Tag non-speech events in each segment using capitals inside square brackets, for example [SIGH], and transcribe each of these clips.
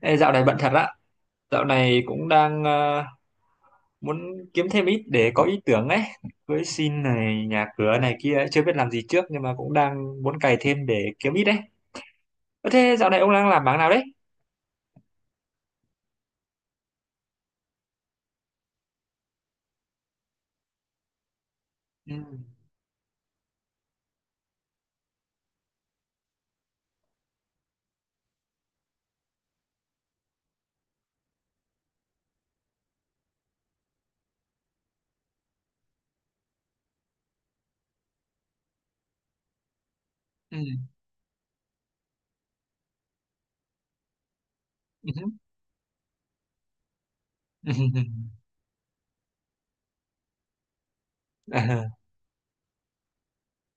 Ê, dạo này bận thật á. Dạo này cũng đang muốn kiếm thêm ít để có ý tưởng ấy, cưới xin này nhà cửa này kia ấy. Chưa biết làm gì trước nhưng mà cũng đang muốn cày thêm để kiếm ít đấy. Ơ thế dạo này ông đang làm mảng nào đấy? Ừ. Ừ. Ừ. Ừ. À,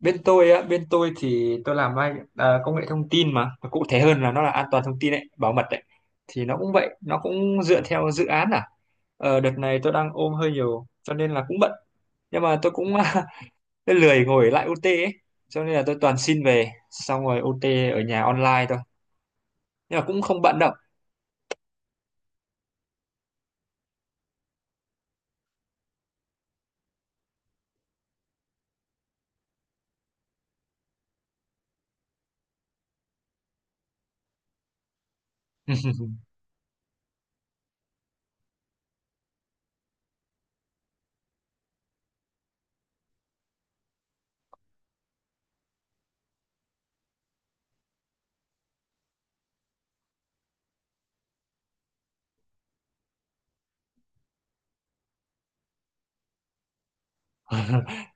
bên tôi á, bên tôi thì tôi làm công nghệ thông tin mà. Và cụ thể hơn là nó là an toàn thông tin đấy, bảo mật đấy, thì nó cũng vậy, nó cũng dựa theo dự án à. Ờ, đợt này tôi đang ôm hơi nhiều cho nên là cũng bận, nhưng mà tôi cũng [LAUGHS] tôi lười ngồi lại OT ấy. Cho nên là tôi toàn xin về xong rồi OT ở nhà online thôi. Nhưng mà cũng không bận đâu. [LAUGHS]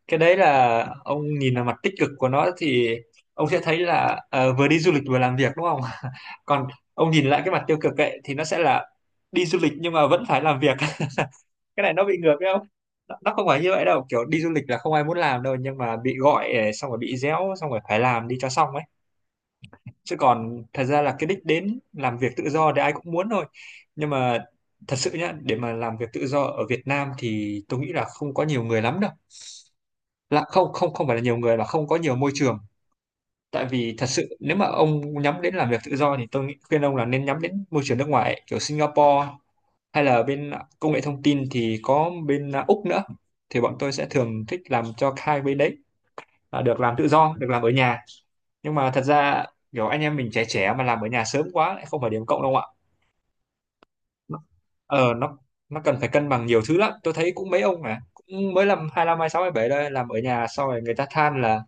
Cái đấy là ông nhìn vào mặt tích cực của nó thì ông sẽ thấy là vừa đi du lịch vừa làm việc đúng không? [LAUGHS] Còn ông nhìn lại cái mặt tiêu cực ấy thì nó sẽ là đi du lịch nhưng mà vẫn phải làm việc. [LAUGHS] Cái này nó bị ngược đấy không? Nó không phải như vậy đâu, kiểu đi du lịch là không ai muốn làm đâu nhưng mà bị gọi xong rồi bị réo xong rồi phải làm đi cho xong ấy. Chứ còn thật ra là cái đích đến làm việc tự do thì ai cũng muốn thôi, nhưng mà thật sự nhá, để mà làm việc tự do ở Việt Nam thì tôi nghĩ là không có nhiều người lắm đâu, là không không không phải là nhiều người, là không có nhiều môi trường. Tại vì thật sự nếu mà ông nhắm đến làm việc tự do thì tôi nghĩ- khuyên ông là nên nhắm đến môi trường nước ngoài ấy, kiểu Singapore, hay là bên công nghệ thông tin thì có bên Úc nữa, thì bọn tôi sẽ thường thích làm cho hai bên đấy. À, được làm tự do được làm ở nhà, nhưng mà thật ra kiểu anh em mình trẻ trẻ mà làm ở nhà sớm quá lại không phải điểm cộng đâu ạ. Nó- ờ nó nó cần phải cân bằng nhiều thứ lắm, tôi thấy cũng mấy ông mà cũng mới làm hai năm, hai sáu hai bảy đây, làm ở nhà xong rồi người ta than là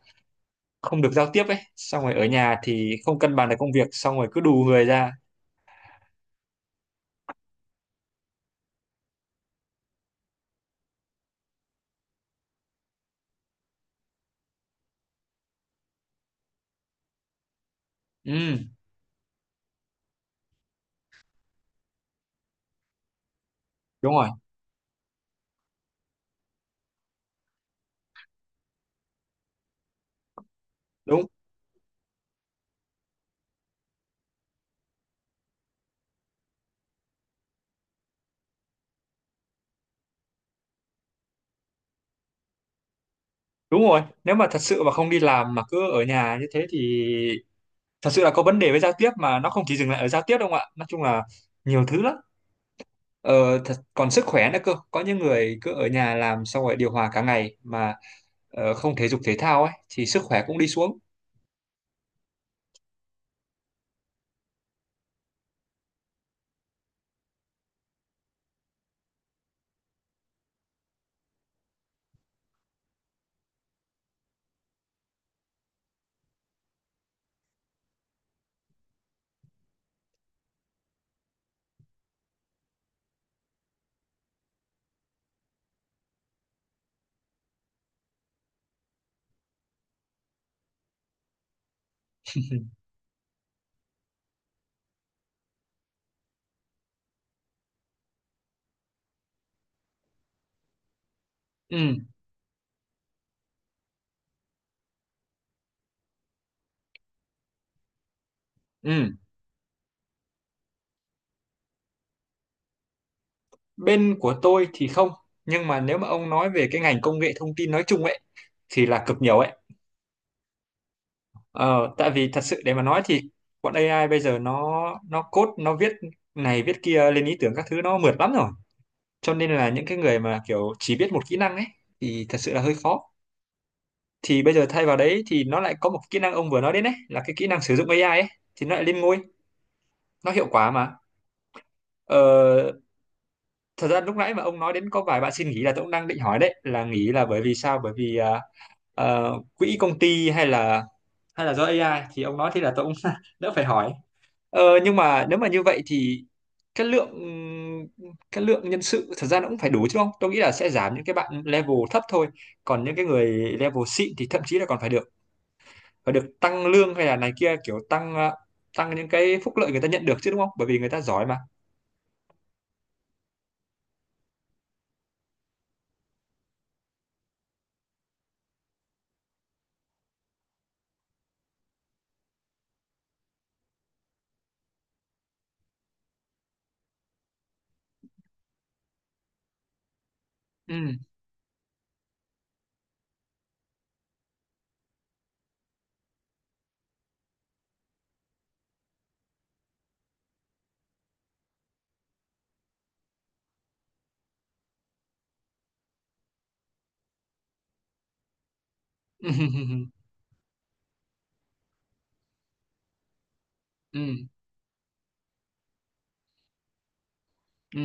không được giao tiếp ấy, xong rồi ở nhà thì không cân bằng được công việc, xong rồi cứ đù người ra. Ừ. Đúng rồi. Đúng đúng rồi nếu mà thật sự mà không đi làm mà cứ ở nhà như thế thì thật sự là có vấn đề với giao tiếp, mà nó không chỉ dừng lại ở giao tiếp đâu ạ, nói chung là nhiều thứ lắm. Ờ, thật, còn sức khỏe nữa cơ, có những người cứ ở nhà làm xong rồi điều hòa cả ngày mà không thể dục thể thao ấy thì sức khỏe cũng đi xuống. Ừ. Ừ. Bên của tôi thì không, nhưng mà nếu mà ông nói về cái ngành công nghệ thông tin nói chung ấy thì là cực nhiều ấy. Ờ, Tại vì thật sự để mà nói thì bọn AI bây giờ nó code, nó viết này viết kia, lên ý tưởng các thứ, nó mượt lắm rồi, cho nên là những cái người mà kiểu chỉ biết một kỹ năng ấy thì thật sự là hơi khó. Thì bây giờ thay vào đấy thì nó lại có một kỹ năng ông vừa nói đến đấy, là cái kỹ năng sử dụng AI ấy, thì nó lại lên ngôi, nó hiệu quả mà. ờ, Thật ra lúc nãy mà ông nói đến có vài bạn xin nghỉ là tôi cũng đang định hỏi đấy, là nghỉ là bởi vì sao, bởi vì quỹ công ty, hay là do AI, thì ông nói thế là tôi cũng [LAUGHS] đỡ phải hỏi. Ờ, nhưng mà nếu mà như vậy thì cái lượng cái lượng nhân sự thật ra nó cũng phải đủ chứ, không tôi nghĩ là sẽ giảm những cái bạn level thấp thôi, còn những cái người level xịn thì thậm chí là còn phải được, và được tăng lương hay là này kia, kiểu tăng tăng những cái phúc lợi người ta nhận được chứ, đúng không, bởi vì người ta giỏi mà. Ừ. [LAUGHS] Ừ. Ừ. Ừ.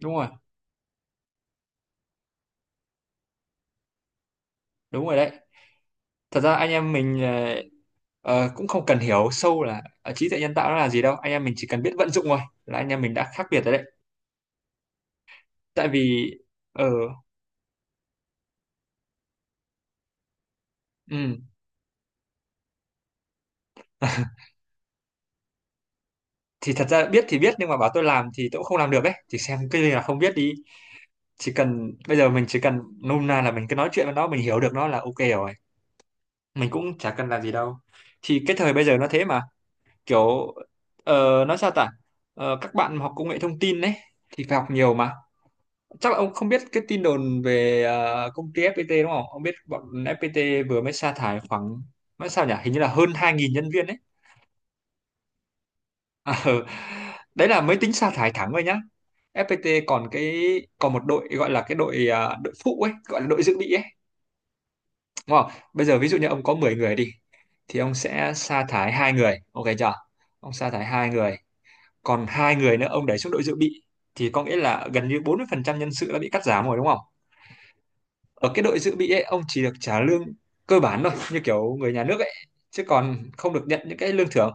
Đúng rồi. Đúng rồi đấy, thật ra anh em mình cũng không cần hiểu sâu là trí tuệ nhân tạo nó là gì đâu, anh em mình chỉ cần biết vận dụng thôi là anh em mình đã khác biệt rồi đấy. Tại vì ờ. Ừ. [LAUGHS] Thì thật ra biết thì biết, nhưng mà bảo tôi làm thì tôi cũng không làm được ấy, thì xem cái gì là không biết đi. Chỉ cần bây giờ mình chỉ cần nôm na là mình cứ nói chuyện với nó, mình hiểu được nó là ok rồi, mình cũng chả cần làm gì đâu. Thì cái thời bây giờ nó thế mà, kiểu nói sao ta. Ờ, các bạn học công nghệ thông tin đấy thì phải học nhiều mà, chắc là ông không biết cái tin đồn về công ty FPT đúng không, ông biết bọn FPT vừa mới sa thải khoảng, nói sao nhỉ, hình như là hơn 2.000 nhân viên đấy. À, ừ. [LAUGHS] Đấy là mới tính sa thải thẳng thôi nhá, FPT còn cái, còn một đội gọi là cái đội đội phụ ấy, gọi là đội dự bị ấy, đúng không? Bây giờ ví dụ như ông có 10 người đi, thì ông sẽ sa thải 2 người, ok chưa? Ông sa thải 2 người, còn 2 người nữa ông đẩy xuống đội dự bị, thì có nghĩa là gần như 40% nhân sự đã bị cắt giảm rồi đúng không? Ở cái đội dự bị ấy ông chỉ được trả lương cơ bản thôi, như kiểu người nhà nước ấy, chứ còn không được nhận những cái lương thưởng.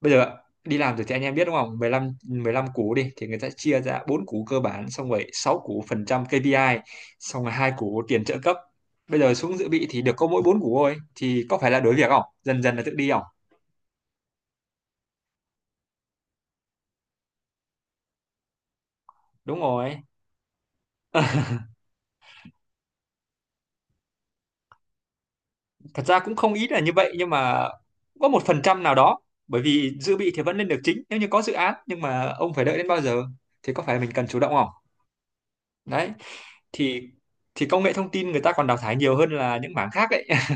Bây giờ đi làm rồi thì anh em biết đúng không, 15 cú đi thì người ta chia ra bốn cú cơ bản, xong rồi 6 cú phần trăm KPI, xong rồi hai cú tiền trợ cấp, bây giờ xuống dự bị thì được có mỗi bốn cú thôi, thì có phải là đuổi việc không, dần dần là tự đi không. Đúng rồi. [LAUGHS] Thật ra cũng không ít là như vậy, nhưng mà có 1% nào đó, bởi vì dự bị thì vẫn lên được chính nếu như có dự án, nhưng mà ông phải đợi đến bao giờ, thì có phải mình cần chủ động không. Đấy, thì thì công nghệ thông tin người ta còn đào thải nhiều hơn là những mảng khác ấy. [LAUGHS]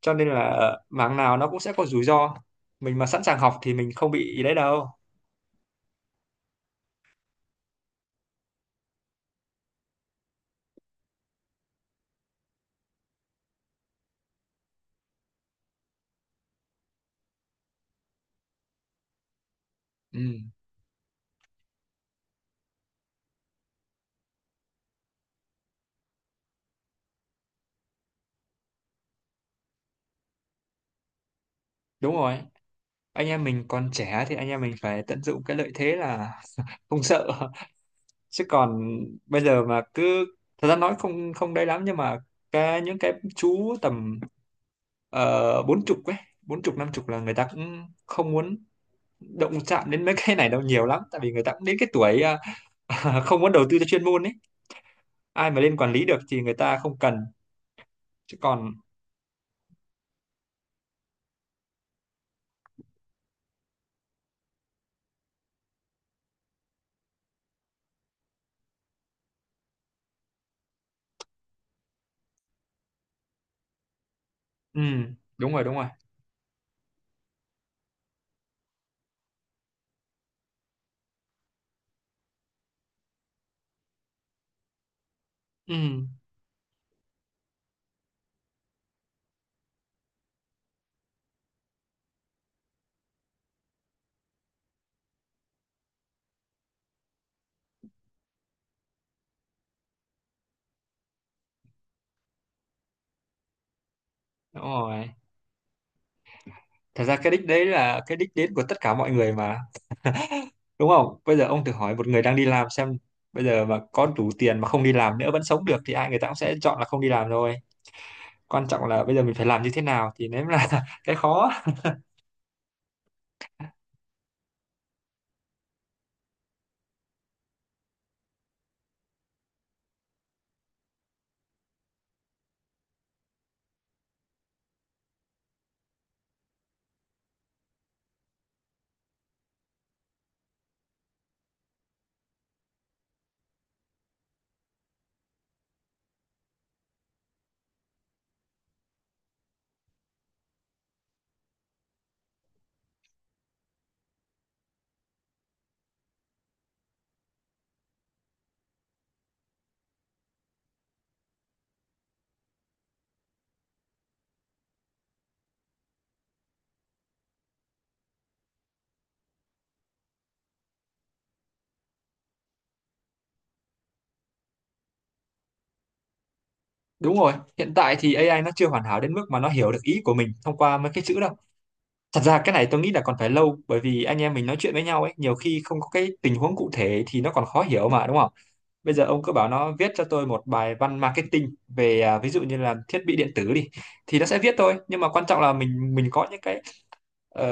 Cho nên là mảng nào nó cũng sẽ có rủi ro, mình mà sẵn sàng học thì mình không bị ý đấy đâu. Ừ, đúng rồi, anh em mình còn trẻ thì anh em mình phải tận dụng cái lợi thế là không sợ. [LAUGHS] Chứ còn bây giờ mà cứ, thật ra nói không không đấy lắm, nhưng mà cái những cái chú tầm 40 ấy, bốn chục 50 là người ta cũng không muốn động chạm đến mấy [LAUGHS] cái này đâu nhiều lắm, tại vì người ta cũng đến cái tuổi [LAUGHS] không muốn đầu tư cho chuyên môn ấy, ai mà lên quản lý được thì người ta không cần. Chứ còn. Ừ. Đúng rồi. Đúng rồi. Ừ. Đúng rồi, thật ra cái đích đấy là cái đích đến của tất cả mọi người mà, đúng không, bây giờ ông thử hỏi một người đang đi làm xem, bây giờ mà có đủ tiền mà không đi làm nữa vẫn sống được thì ai người ta cũng sẽ chọn là không đi làm rồi, quan trọng là bây giờ mình phải làm như thế nào, thì nếu là [LAUGHS] cái khó. Đúng rồi, hiện tại thì AI nó chưa hoàn hảo đến mức mà nó hiểu được ý của mình thông qua mấy cái chữ đâu. Thật ra cái này tôi nghĩ là còn phải lâu, bởi vì anh em mình nói chuyện với nhau ấy nhiều khi không có cái tình huống cụ thể thì nó còn khó hiểu mà đúng không? Bây giờ ông cứ bảo nó viết cho tôi một bài văn marketing về ví dụ như là thiết bị điện tử đi, thì nó sẽ viết thôi, nhưng mà quan trọng là mình có những cái ờ,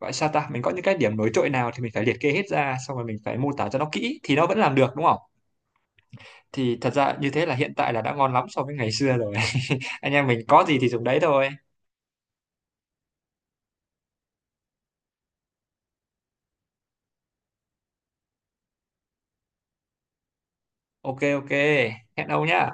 gọi sao ta, mình có những cái điểm nổi trội nào thì mình phải liệt kê hết ra, xong rồi mình phải mô tả cho nó kỹ thì nó vẫn làm được đúng không? Thì thật ra như thế là hiện tại là đã ngon lắm so với ngày xưa rồi. [LAUGHS] Anh em mình có gì thì dùng đấy thôi. Ok ok, hẹn ông nhá.